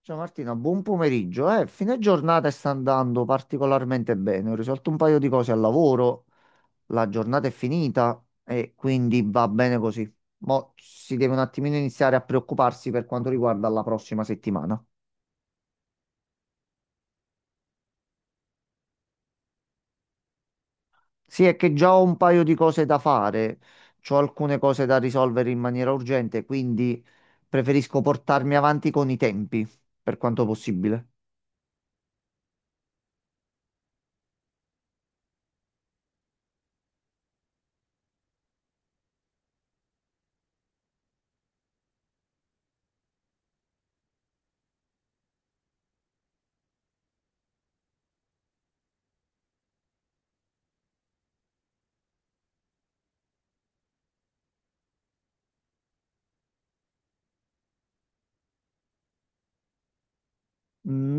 Ciao Martina, buon pomeriggio. Fine giornata sta andando particolarmente bene. Ho risolto un paio di cose al lavoro, la giornata è finita e quindi va bene così. Mo' si deve un attimino iniziare a preoccuparsi per quanto riguarda la prossima settimana. Sì, è che già ho un paio di cose da fare, ho alcune cose da risolvere in maniera urgente, quindi preferisco portarmi avanti con i tempi, per quanto possibile.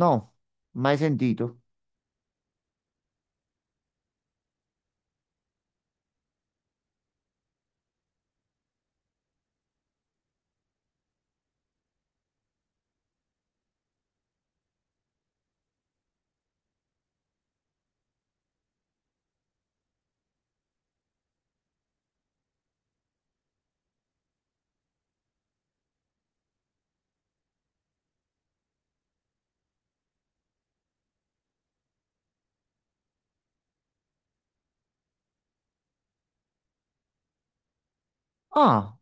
No, mai sentito. Ah,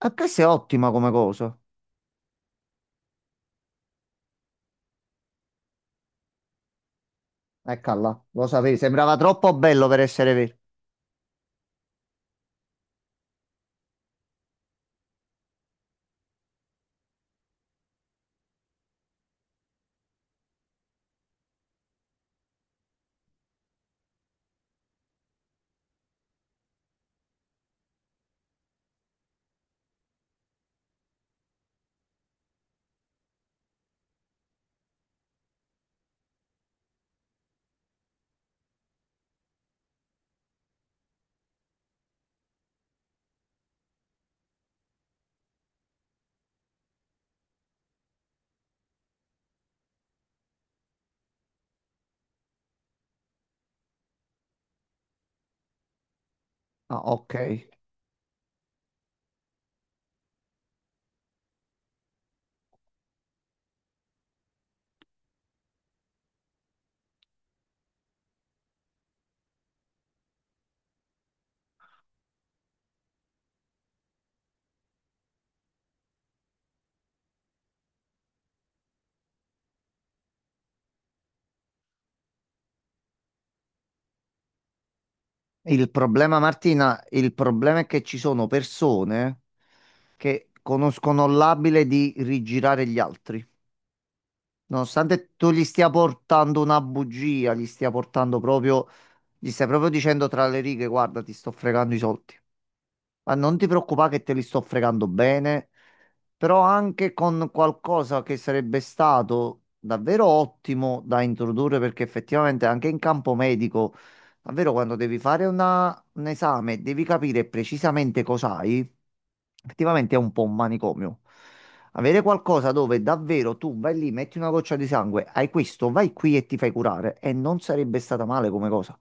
e questa è ottima come cosa. Eccola, lo sapevi, sembrava troppo bello per essere vero. Ah, ok. Il problema, Martina, il problema è che ci sono persone che conoscono l'abile di rigirare gli altri. Nonostante tu gli stia portando una bugia, gli stia portando proprio, gli stai proprio dicendo tra le righe, guarda, ti sto fregando i soldi. Ma non ti preoccupare che te li sto fregando bene, però anche con qualcosa che sarebbe stato davvero ottimo da introdurre, perché effettivamente anche in campo medico, davvero quando devi fare un esame, e devi capire precisamente cos'hai, effettivamente è un po' un manicomio. Avere qualcosa dove davvero tu vai lì, metti una goccia di sangue, hai questo, vai qui e ti fai curare, e non sarebbe stata male come cosa.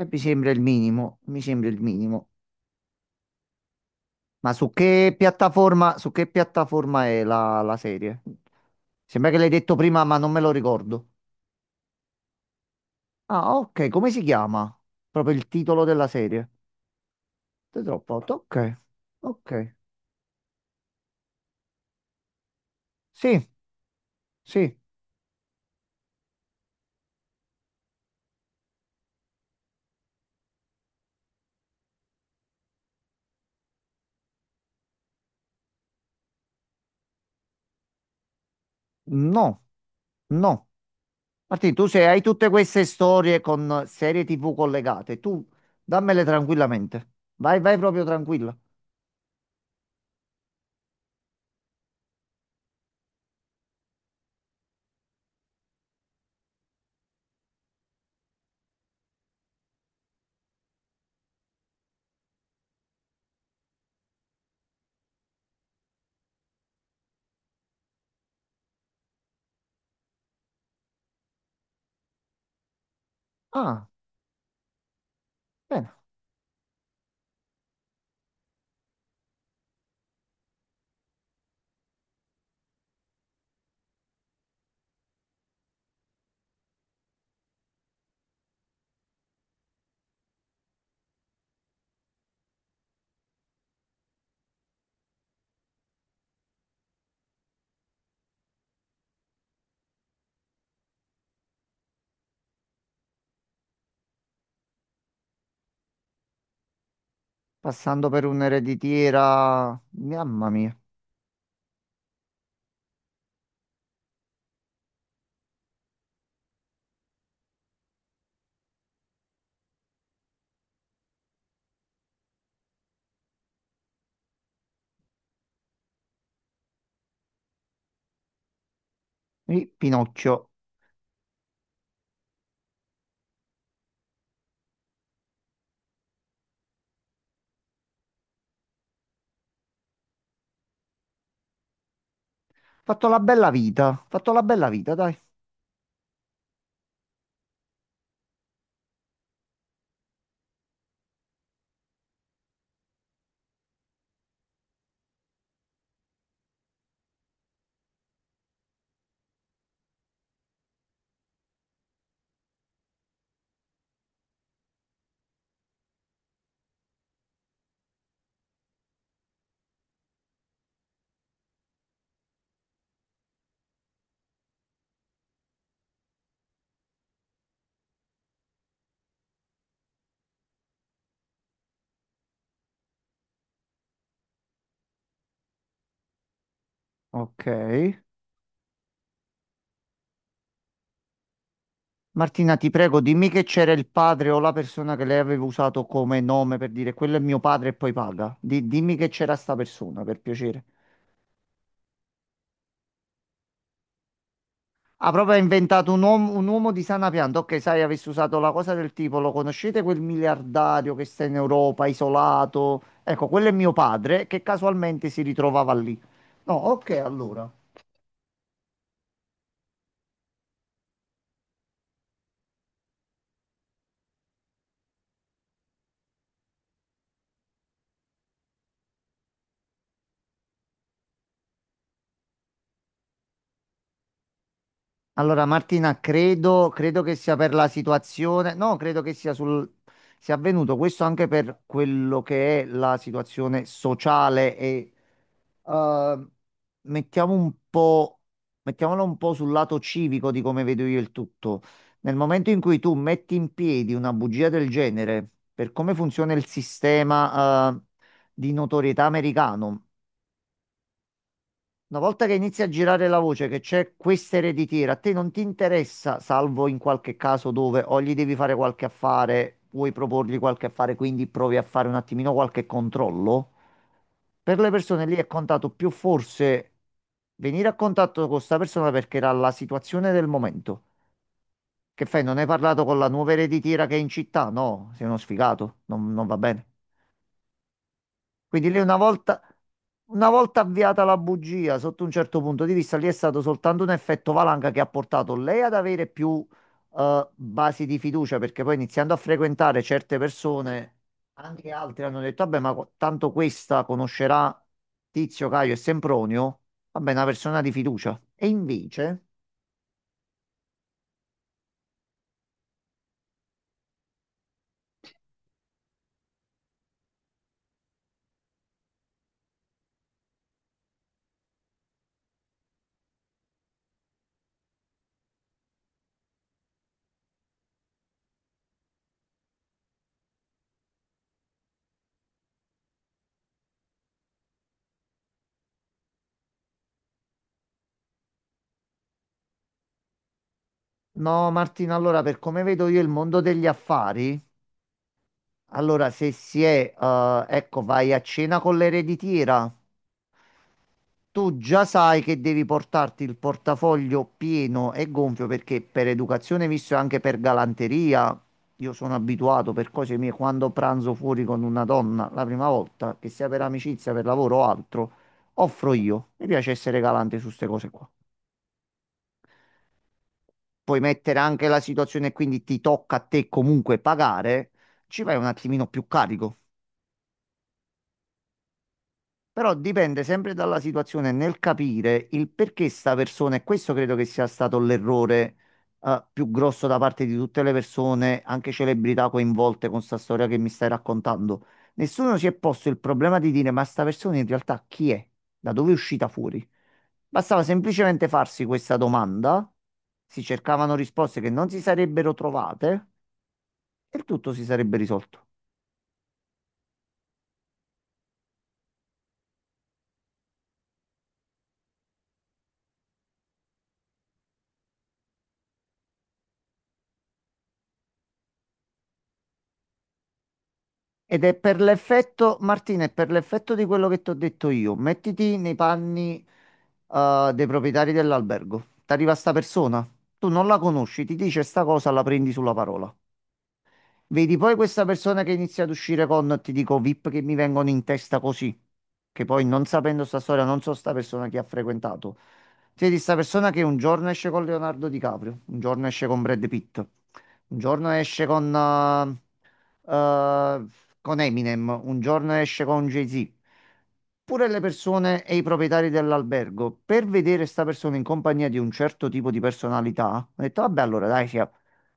E mi sembra il minimo, mi sembra il minimo. Ma su che piattaforma è la serie? Sembra che l'hai detto prima, ma non me lo ricordo. Ah, ok, come si chiama? Proprio il titolo della serie. The Dropout, ok, ok. Sì, sì, no, no. Martì, tu se hai tutte queste storie con serie TV collegate, tu dammele tranquillamente. Vai, vai proprio tranquilla. Ah, bene. Passando per un'ereditiera, mamma mia. Ri- Pinocchio. Fatto la bella vita, fatto la bella vita, dai. Ok. Martina, ti prego, dimmi che c'era il padre o la persona che lei aveva usato come nome per dire quello è mio padre e poi paga. Dimmi che c'era sta persona, per piacere. Ha proprio inventato un uomo di sana pianta. Ok, sai, avessi usato la cosa del tipo, lo conoscete quel miliardario che sta in Europa, isolato? Ecco, quello è mio padre, che casualmente si ritrovava lì. No, ok, allora. Allora, Martina, credo che sia per la situazione, no, credo che sia avvenuto questo anche per quello che è la situazione sociale e eh, mettiamo un po', mettiamolo un po' sul lato civico di come vedo io il tutto. Nel momento in cui tu metti in piedi una bugia del genere, per come funziona il sistema di notorietà americano, una volta che inizia a girare la voce che c'è questa ereditiera, a te non ti interessa, salvo in qualche caso dove o gli devi fare qualche affare, vuoi proporgli qualche affare, quindi provi a fare un attimino qualche controllo. Per le persone lì è contato più forse venire a contatto con questa persona, perché era la situazione del momento. Che fai? Non hai parlato con la nuova ereditiera che è in città? No, sei uno sfigato, non va bene. Quindi lì una volta avviata la bugia, sotto un certo punto di vista, lì è stato soltanto un effetto valanga che ha portato lei ad avere più basi di fiducia, perché poi iniziando a frequentare certe persone, anche altri hanno detto, vabbè, ma tanto questa conoscerà Tizio, Caio e Sempronio, vabbè, è una persona di fiducia. E invece, no, Martina, allora per come vedo io il mondo degli affari, allora se si è, ecco, vai a cena con l'ereditiera. Tu già sai che devi portarti il portafoglio pieno e gonfio, perché per educazione, visto e anche per galanteria, io sono abituato per cose mie: quando pranzo fuori con una donna la prima volta, che sia per amicizia, per lavoro o altro, offro io. Mi piace essere galante su queste cose qua. Puoi mettere anche la situazione, quindi ti tocca a te comunque pagare, ci vai un attimino più carico. Però dipende sempre dalla situazione nel capire il perché sta persona, e questo credo che sia stato l'errore più grosso da parte di tutte le persone, anche celebrità, coinvolte con sta storia che mi stai raccontando. Nessuno si è posto il problema di dire: ma sta persona in realtà chi è? Da dove è uscita fuori? Bastava semplicemente farsi questa domanda, si cercavano risposte che non si sarebbero trovate e il tutto si sarebbe risolto. Ed è per l'effetto, Martina, è per l'effetto di quello che ti ho detto io. Mettiti nei panni, dei proprietari dell'albergo. Ti arriva sta persona, tu non la conosci, ti dice sta cosa, la prendi sulla parola. Vedi poi questa persona che inizia ad uscire con, ti dico, VIP che mi vengono in testa così, che poi, non sapendo sta storia, non so sta persona che ha frequentato. Vedi sta persona che un giorno esce con Leonardo DiCaprio, un giorno esce con Brad Pitt, un giorno esce eh, con Eminem, un giorno esce con Jay-Z. Pure le persone e i proprietari dell'albergo, per vedere sta persona in compagnia di un certo tipo di personalità, ho detto, vabbè, allora dai,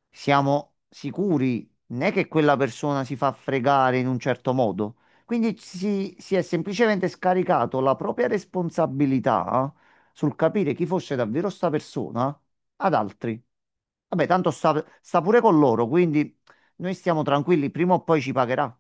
siamo sicuri, non è che quella persona si fa fregare in un certo modo. Quindi si è semplicemente scaricato la propria responsabilità sul capire chi fosse davvero sta persona ad altri. Vabbè, tanto sta pure con loro, quindi noi stiamo tranquilli, prima o poi ci pagherà.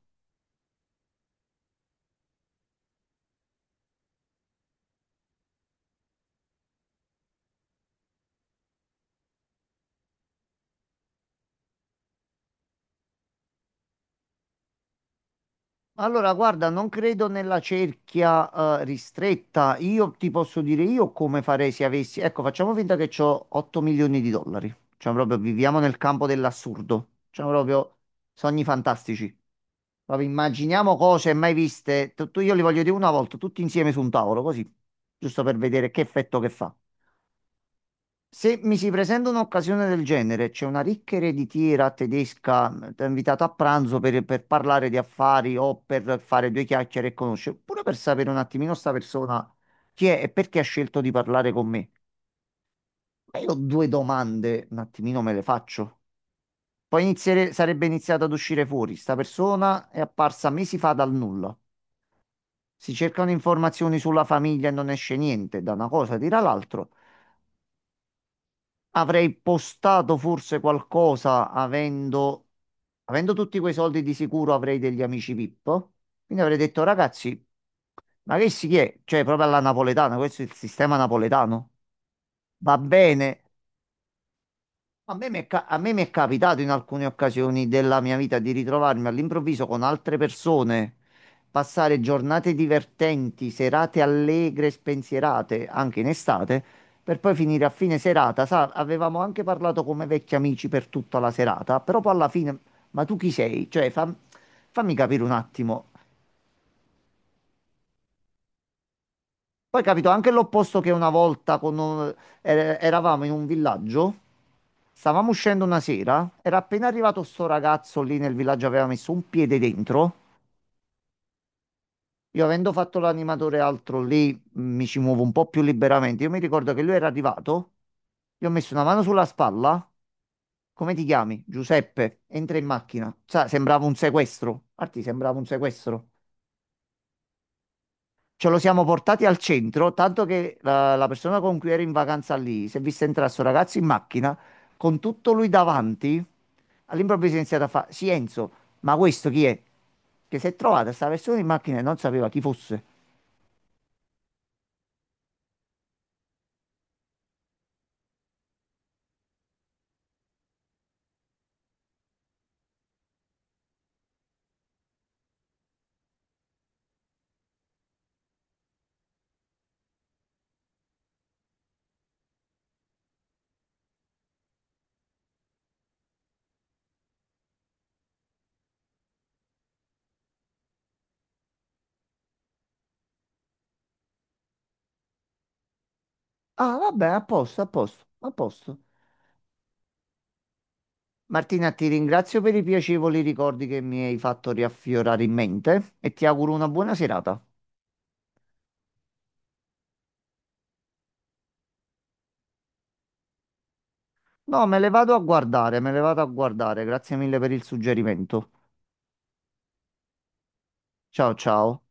Allora, guarda, non credo nella cerchia, ristretta. Io ti posso dire io come farei se avessi. Ecco, facciamo finta che ho 8 milioni di dollari. Cioè, proprio viviamo nel campo dell'assurdo. Cioè, proprio sogni fantastici. Proprio immaginiamo cose mai viste. Io li voglio dire una volta, tutti insieme su un tavolo, così. Giusto per vedere che effetto che fa. Se mi si presenta un'occasione del genere, c'è una ricca ereditiera tedesca, ti ha invitato a pranzo per, parlare di affari o per fare due chiacchiere e conoscere, pure per sapere un attimino sta persona chi è e perché ha scelto di parlare con me. Ma io due domande, un attimino me le faccio. Poi sarebbe iniziato ad uscire fuori. Sta persona è apparsa mesi fa dal nulla. Si cercano informazioni sulla famiglia e non esce niente, da una cosa tira l'altro. Avrei postato forse qualcosa, avendo tutti quei soldi di sicuro avrei degli amici VIP. Quindi avrei detto, ragazzi, ma che si è? Cioè, proprio alla napoletana, questo è il sistema napoletano. Va bene, a me mi è capitato in alcune occasioni della mia vita di ritrovarmi all'improvviso con altre persone, passare giornate divertenti, serate allegre, spensierate, anche in estate, per poi finire a fine serata. Sa, avevamo anche parlato come vecchi amici per tutta la serata, però poi alla fine, ma tu chi sei? Cioè, fammi capire un attimo. Poi capito anche l'opposto, che una volta con eravamo in un villaggio, stavamo uscendo una sera, era appena arrivato sto ragazzo lì nel villaggio, aveva messo un piede dentro. Io avendo fatto l'animatore e altro lì, mi ci muovo un po' più liberamente. Io mi ricordo che lui era arrivato, gli ho messo una mano sulla spalla. Come ti chiami? Giuseppe, entra in macchina. Sa, sembrava un sequestro. Arti, sembrava un sequestro. Ce lo siamo portati al centro, tanto che la persona con cui ero in vacanza lì si è vista entrare sto ragazzo in macchina con tutto lui davanti. All'improvviso è iniziato a fare: sì, Enzo, ma questo chi è? Che si è trovata sta persona in macchina e non sapeva chi fosse. Ah, vabbè, a posto, a posto, a posto. Martina, ti ringrazio per i piacevoli ricordi che mi hai fatto riaffiorare in mente e ti auguro una buona serata. No, me le vado a guardare, me le vado a guardare. Grazie mille per il suggerimento. Ciao, ciao.